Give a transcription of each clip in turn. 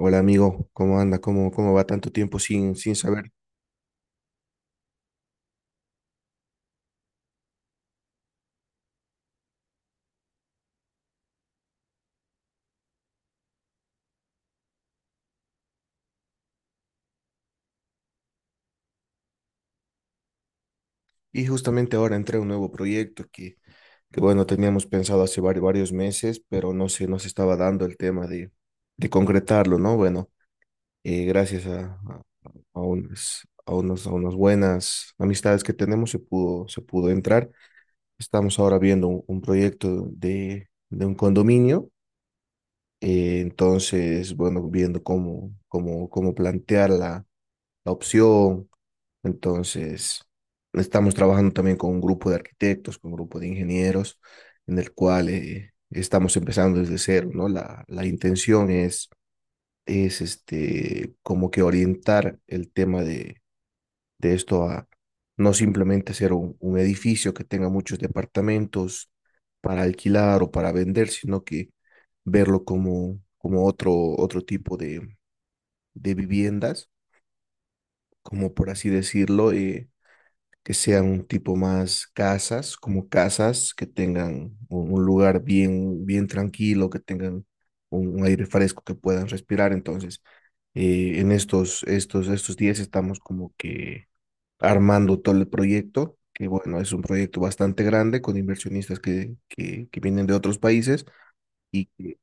Hola amigo, ¿cómo anda? ¿Cómo va tanto tiempo sin saber? Y justamente ahora entré a un nuevo proyecto que bueno, teníamos pensado hace varios meses, pero no se estaba dando el tema de concretarlo, ¿no? Bueno, gracias a unas, a unos, a unas buenas amistades que tenemos se pudo entrar. Estamos ahora viendo un proyecto de un condominio. Entonces, bueno, viendo cómo plantear la opción. Entonces, estamos trabajando también con un grupo de arquitectos, con un grupo de ingenieros, en el cual estamos empezando desde cero, ¿no? La intención es como que orientar el tema de esto a no simplemente hacer un edificio que tenga muchos departamentos para alquilar o para vender, sino que verlo como otro tipo de viviendas, como por así decirlo. Que sean un tipo más casas, como casas que tengan un lugar bien tranquilo, que tengan un aire fresco que puedan respirar. Entonces, estos días estamos como que armando todo el proyecto, que bueno, es un proyecto bastante grande con inversionistas que vienen de otros países y que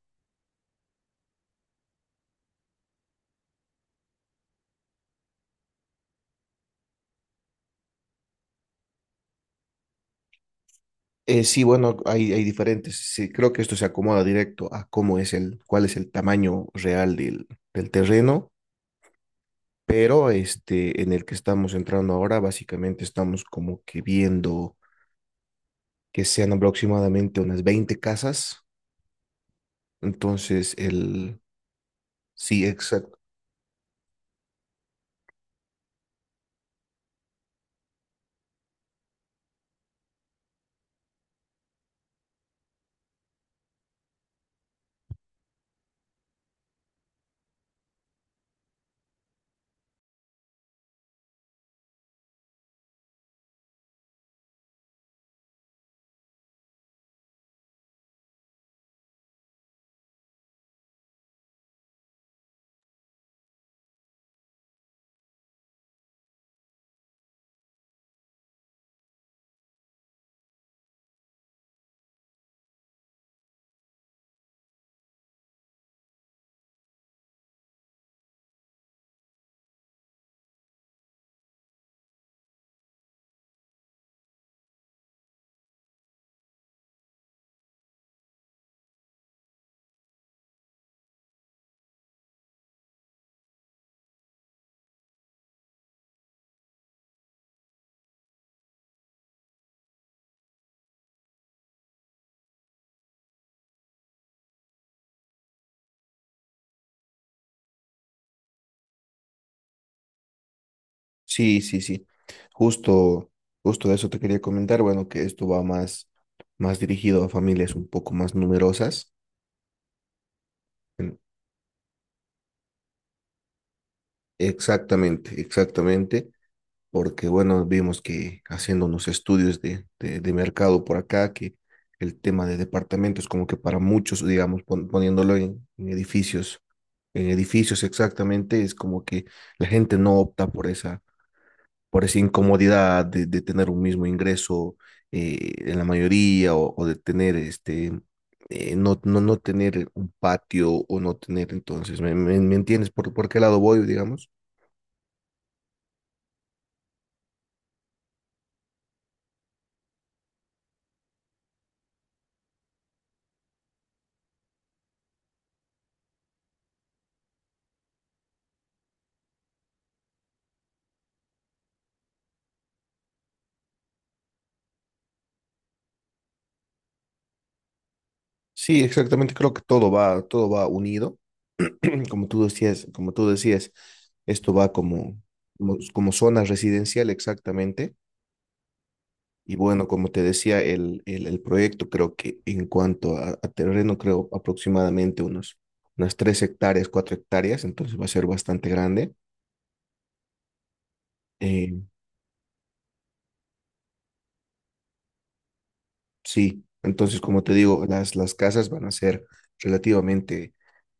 sí, bueno, hay diferentes. Sí, creo que esto se acomoda directo a cómo es el, cuál es el tamaño real del terreno, pero este en el que estamos entrando ahora, básicamente estamos como que viendo que sean aproximadamente unas 20 casas. Entonces, el sí, exacto. Sí, sí, sí. Justo, Justo eso te quería comentar. Bueno, que esto va más dirigido a familias un poco más numerosas. En- Exactamente, exactamente. Porque bueno, vimos que haciendo unos estudios de mercado por acá, que el tema de departamentos como que para muchos, digamos, poniéndolo en, en edificios exactamente, es como que la gente no opta por por esa incomodidad de tener un mismo ingreso, en la mayoría, o de tener no tener un patio o no tener. Entonces, me entiendes por qué lado voy, digamos? Sí, exactamente, creo que todo va unido. Como tú decías, esto va como zona residencial, exactamente. Y bueno, como te decía, el proyecto creo que en cuanto a terreno, creo aproximadamente unas 3 hectáreas, 4 hectáreas, entonces va a ser bastante grande. Eh, sí, entonces como te digo, las casas van a ser relativamente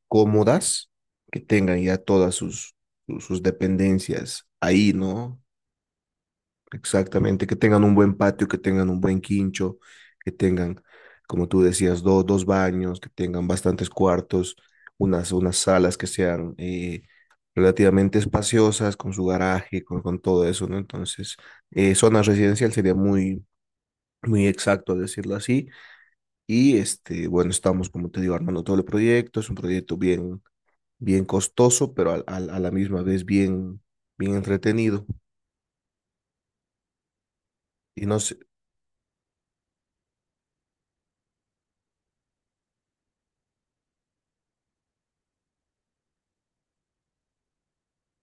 cómodas, que tengan ya todas sus dependencias ahí, ¿no? Exactamente, que tengan un buen patio, que tengan un buen quincho, que tengan, como tú decías, dos baños, que tengan bastantes cuartos, unas salas que sean relativamente espaciosas, con su garaje, con todo eso, ¿no? Entonces, zona residencial sería muy exacto decirlo así. Y este, bueno, estamos, como te digo, armando todo el proyecto, es un proyecto bien costoso, pero la misma vez bien entretenido. Y no sé,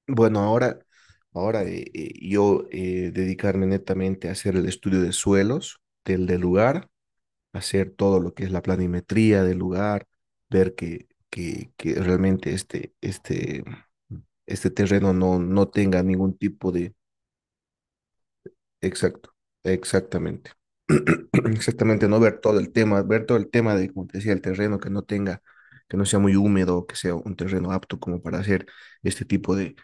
bueno, ahora, ahora yo dedicarme netamente a hacer el estudio de suelos del lugar, hacer todo lo que es la planimetría del lugar, ver que realmente este terreno no tenga ningún tipo de. Exacto, exactamente. Exactamente, no ver todo el tema, ver todo el tema de, como te decía, el terreno que no tenga, que no sea muy húmedo, que sea un terreno apto como para hacer este tipo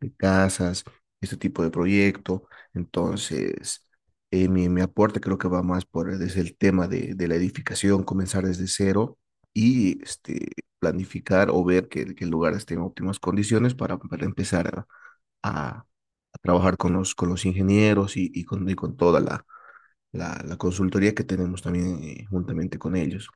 de casas, este tipo de proyecto. Entonces, mi aporte creo que va más por desde el tema de la edificación, comenzar desde cero y este, planificar o ver que el lugar esté en óptimas condiciones para empezar a trabajar con con los ingenieros y con toda la consultoría que tenemos también juntamente con ellos.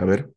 A ver,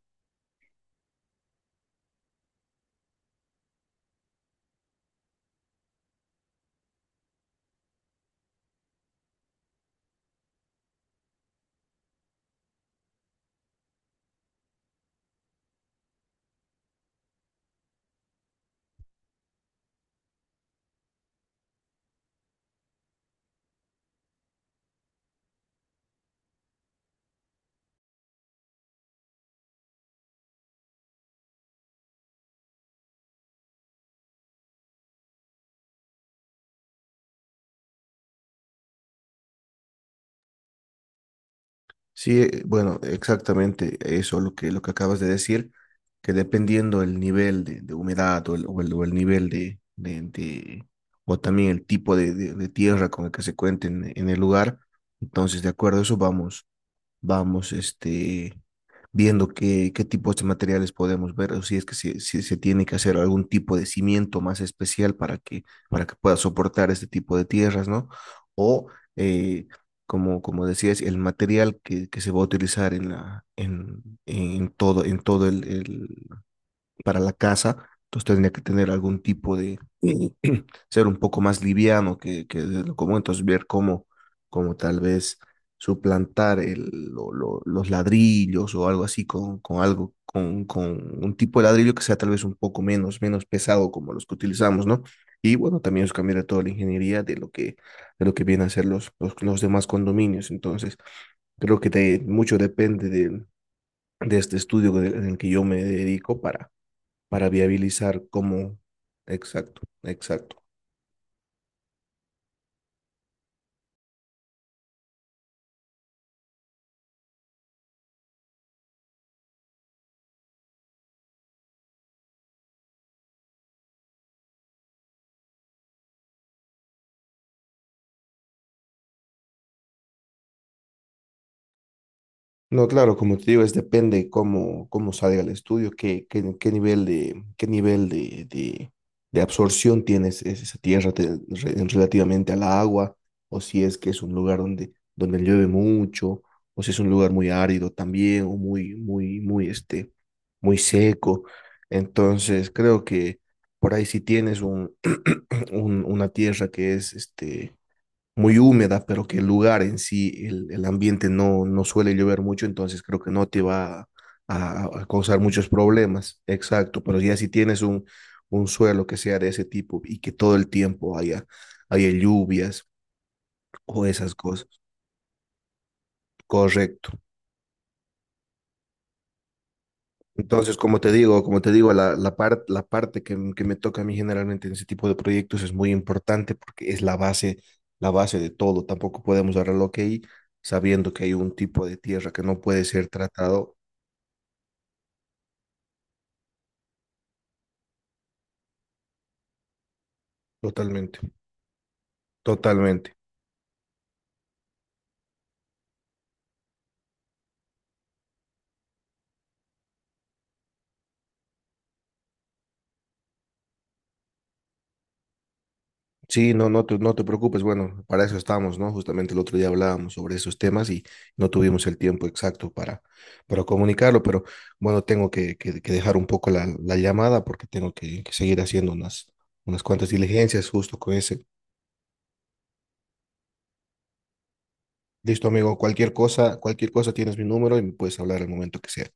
sí, bueno, exactamente eso lo lo que acabas de decir, que dependiendo el nivel de humedad o el nivel o también el tipo de tierra con el que se cuente en el lugar, entonces de acuerdo a eso vamos, viendo qué, qué tipos de materiales podemos ver, o si es si se tiene que hacer algún tipo de cimiento más especial para que pueda soportar este tipo de tierras, ¿no? O, eh, como decías, el material que se va a utilizar en en todo para la casa, entonces tendría que tener algún tipo de, ser un poco más liviano que de lo común. Entonces ver cómo tal vez suplantar los ladrillos o algo así con algo, con un tipo de ladrillo que sea tal vez un poco menos pesado como los que utilizamos, ¿no? Y bueno, también es cambiar toda la ingeniería de lo de lo que vienen a ser los demás condominios. Entonces creo que mucho depende de este estudio en el que yo me dedico para viabilizar cómo, exacto, exacto. No, claro, como te digo, es depende cómo salga el estudio, qué nivel de absorción tiene es esa tierra en relativamente al agua, o si es que es un lugar donde llueve mucho, o si es un lugar muy árido también, o muy, este, muy seco. Entonces, creo que por ahí si tienes un, una tierra que es muy húmeda, pero que el lugar en sí, el ambiente no suele llover mucho, entonces creo que no te va a causar muchos problemas. Exacto, pero ya si tienes un suelo que sea de ese tipo y que todo el tiempo haya lluvias o esas cosas, correcto. Entonces, como te digo, la parte que, que me toca a mí generalmente en ese tipo de proyectos es muy importante porque es la base de todo. Tampoco podemos dar al ok sabiendo que hay un tipo de tierra que no puede ser tratado, totalmente, totalmente. Sí, no te no te preocupes. Bueno, para eso estamos, ¿no? Justamente el otro día hablábamos sobre esos temas y no tuvimos el tiempo exacto para comunicarlo, pero bueno, tengo que dejar un poco la llamada porque tengo que seguir haciendo unas, unas cuantas diligencias justo con ese. Listo, amigo, cualquier cosa tienes mi número y me puedes hablar al momento que sea.